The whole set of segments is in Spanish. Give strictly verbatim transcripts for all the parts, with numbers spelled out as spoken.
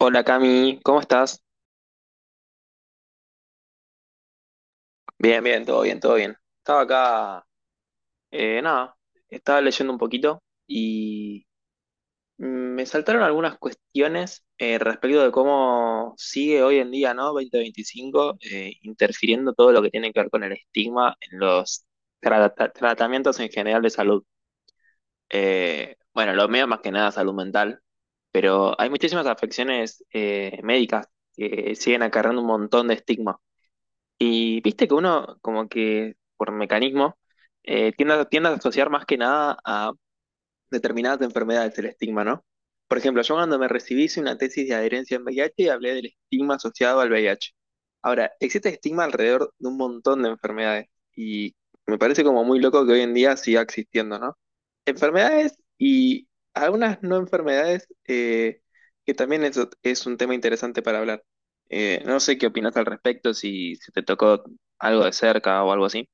Hola Cami, ¿cómo estás? Bien, bien, todo bien, todo bien. Estaba acá, eh, nada, estaba leyendo un poquito y mm, me saltaron algunas cuestiones eh, respecto de cómo sigue hoy en día, ¿no? dos mil veinticinco, eh, interfiriendo todo lo que tiene que ver con el estigma en los trata- tratamientos en general de salud. Eh, bueno, lo mío más que nada salud mental, pero hay muchísimas afecciones eh, médicas que siguen acarreando un montón de estigma. Y viste que uno, como que por mecanismo, eh, tiende, a tiende a asociar más que nada a determinadas enfermedades, el estigma, ¿no? Por ejemplo, yo cuando me recibí hice una tesis de adherencia en V I H y hablé del estigma asociado al V I H. Ahora, existe estigma alrededor de un montón de enfermedades y me parece como muy loco que hoy en día siga existiendo, ¿no? Enfermedades y algunas no enfermedades, eh, que también eso es un tema interesante para hablar. Eh, no sé qué opinas al respecto, si, si te tocó algo de cerca o algo así.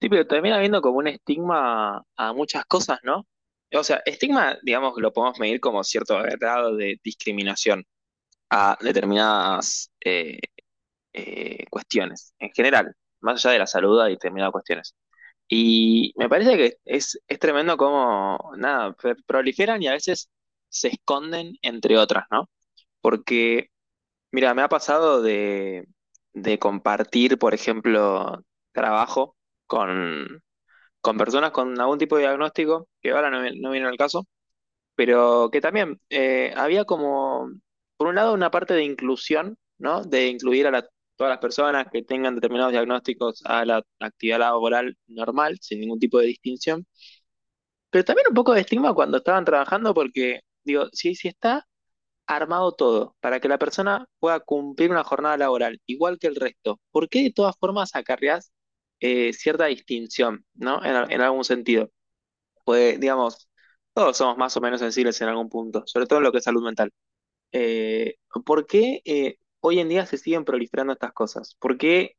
Sí, pero termina habiendo como un estigma a muchas cosas, ¿no? O sea, estigma, digamos, lo podemos medir como cierto grado de discriminación a determinadas eh, eh, cuestiones, en general, más allá de la salud y determinadas cuestiones. Y me parece que es, es tremendo cómo, nada, pre- proliferan y a veces se esconden entre otras, ¿no? Porque, mira, me ha pasado de, de compartir, por ejemplo, trabajo con personas con algún tipo de diagnóstico, que ahora no, me- no viene al caso, pero que también eh, había como, por un lado, una parte de inclusión, ¿no? De incluir a la- Todas las personas que tengan determinados diagnósticos a la actividad laboral normal, sin ningún tipo de distinción, pero también un poco de estigma cuando estaban trabajando, porque, digo, si, si está armado todo para que la persona pueda cumplir una jornada laboral igual que el resto, ¿por qué de todas formas acarreás eh, cierta distinción? ¿No? En, en algún sentido pues, digamos, todos somos más o menos sensibles en algún punto, sobre todo en lo que es salud mental. Eh, ¿por qué eh, hoy en día se siguen proliferando estas cosas? ¿Por qué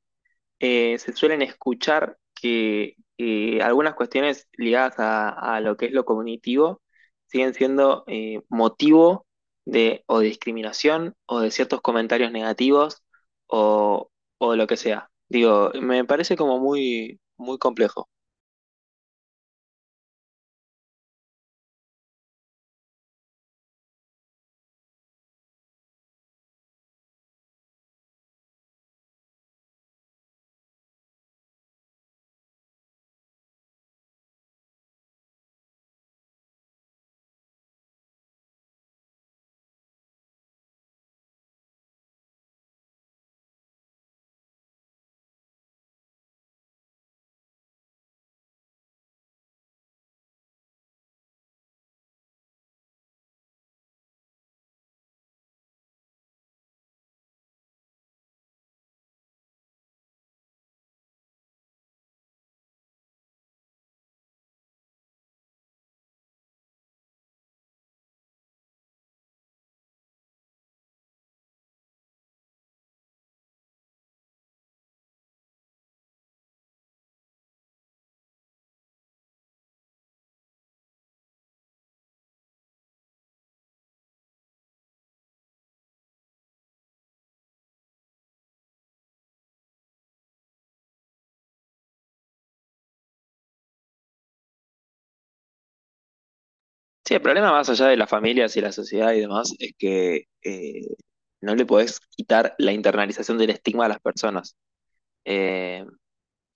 eh, se suelen escuchar que eh, algunas cuestiones ligadas a, a lo que es lo cognitivo siguen siendo eh, motivo de o de discriminación o de ciertos comentarios negativos o, o de lo que sea? Digo, me parece como muy, muy complejo. Sí, el problema más allá de las familias y la sociedad y demás es que eh, no le podés quitar la internalización del estigma a las personas. Eh,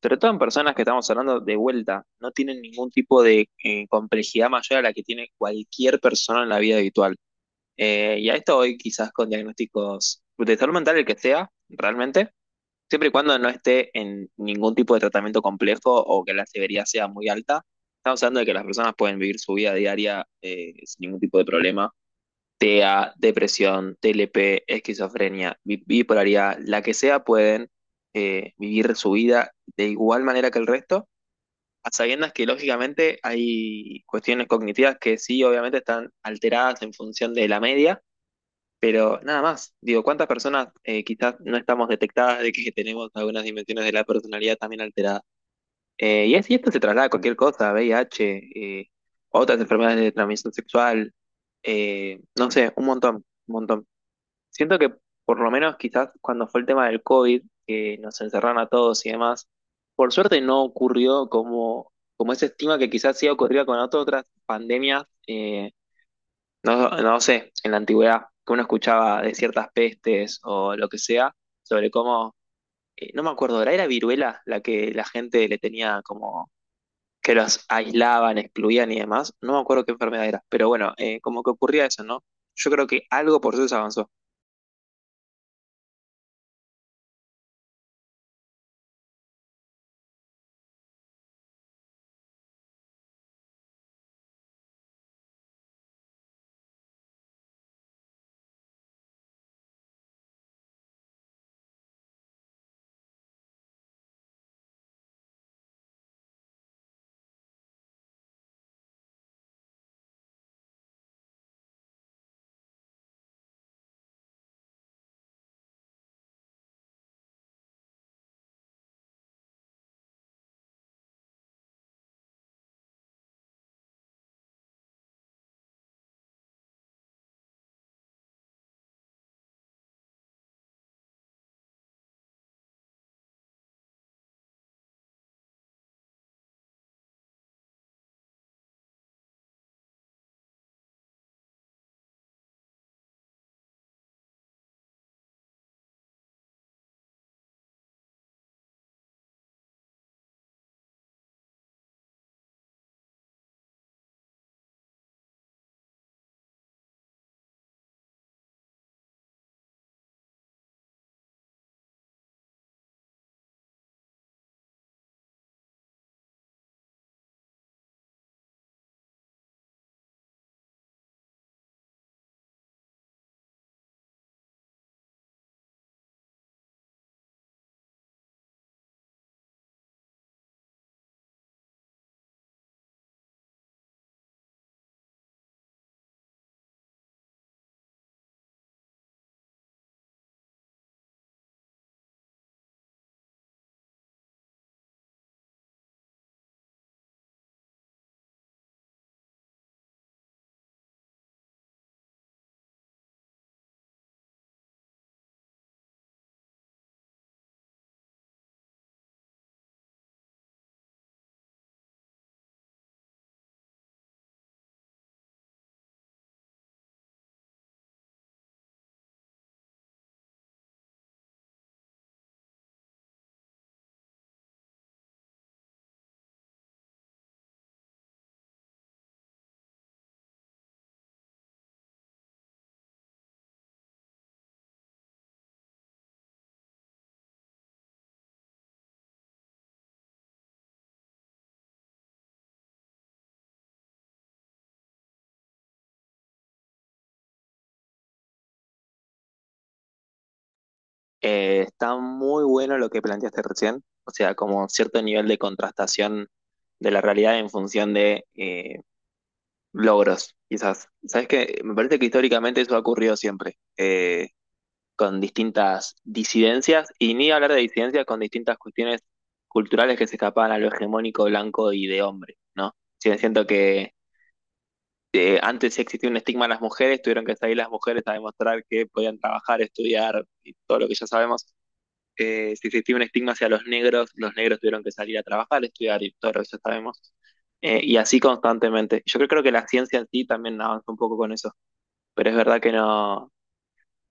Sobre todo en personas que estamos hablando de vuelta, no tienen ningún tipo de eh, complejidad mayor a la que tiene cualquier persona en la vida habitual. Eh, y a esto hoy quizás con diagnósticos de salud mental, el que sea, realmente, siempre y cuando no esté en ningún tipo de tratamiento complejo o que la severidad sea muy alta. Estamos hablando de que las personas pueden vivir su vida diaria eh, sin ningún tipo de problema: T E A, depresión, T L P, esquizofrenia, bi- bipolaridad, la que sea, pueden eh, vivir su vida de igual manera que el resto, a sabiendas que lógicamente hay cuestiones cognitivas que sí, obviamente están alteradas en función de la media, pero nada más. Digo, ¿cuántas personas eh, quizás no estamos detectadas de que tenemos algunas dimensiones de la personalidad también alteradas? Eh, y, es, y esto se traslada a cualquier cosa: V I H, eh, otras enfermedades de transmisión sexual, eh, no sé, un montón, un montón. Siento que por lo menos quizás cuando fue el tema del COVID, que nos encerraron a todos y demás, por suerte no ocurrió como, como ese estigma que quizás sí ocurría con otras pandemias, eh, no, no sé, en la antigüedad, que uno escuchaba de ciertas pestes o lo que sea, sobre cómo, eh, no me acuerdo, ¿era, era viruela la que la gente le tenía como que los aislaban, excluían y demás? No me acuerdo qué enfermedad era, pero bueno, eh, como que ocurría eso, ¿no? Yo creo que algo por eso se avanzó. Eh, está muy bueno lo que planteaste recién, o sea, como cierto nivel de contrastación de la realidad en función de eh, logros, quizás. Sabes que me parece que históricamente eso ha ocurrido siempre, eh, con distintas disidencias, y ni hablar de disidencias con distintas cuestiones culturales que se escapaban a lo hegemónico blanco y de hombre, ¿no? Sí, siento que eh, antes existía un estigma a las mujeres, tuvieron que salir las mujeres a demostrar que podían trabajar, estudiar y todo lo que ya sabemos. Eh, si existía un estigma hacia los negros, los negros tuvieron que salir a trabajar, estudiar y todo eso sabemos. Eh, y así constantemente. Yo creo, creo que la ciencia en sí también avanza un poco con eso, pero es verdad que no,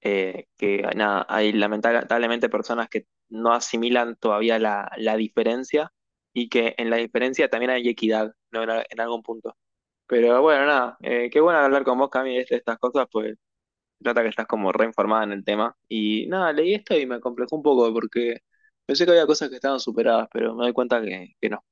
eh, que nada, hay lamentablemente personas que no asimilan todavía la, la diferencia y que en la diferencia también hay equidad, ¿no? En, a- en algún punto. Pero bueno, nada, eh, qué bueno hablar con vos, Cami, de estas cosas, pues se trata que estás como reinformada en el tema. Y nada, leí esto y me complejó un poco porque pensé que había cosas que estaban superadas, pero me doy cuenta que, que no.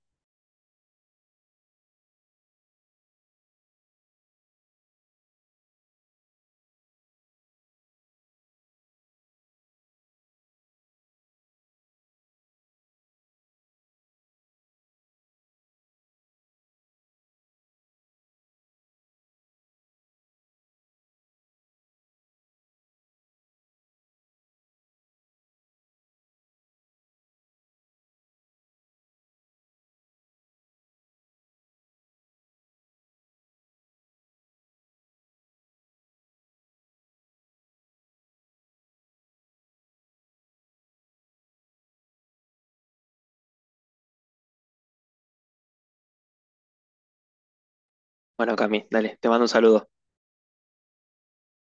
Bueno, Cami, dale, te mando un saludo.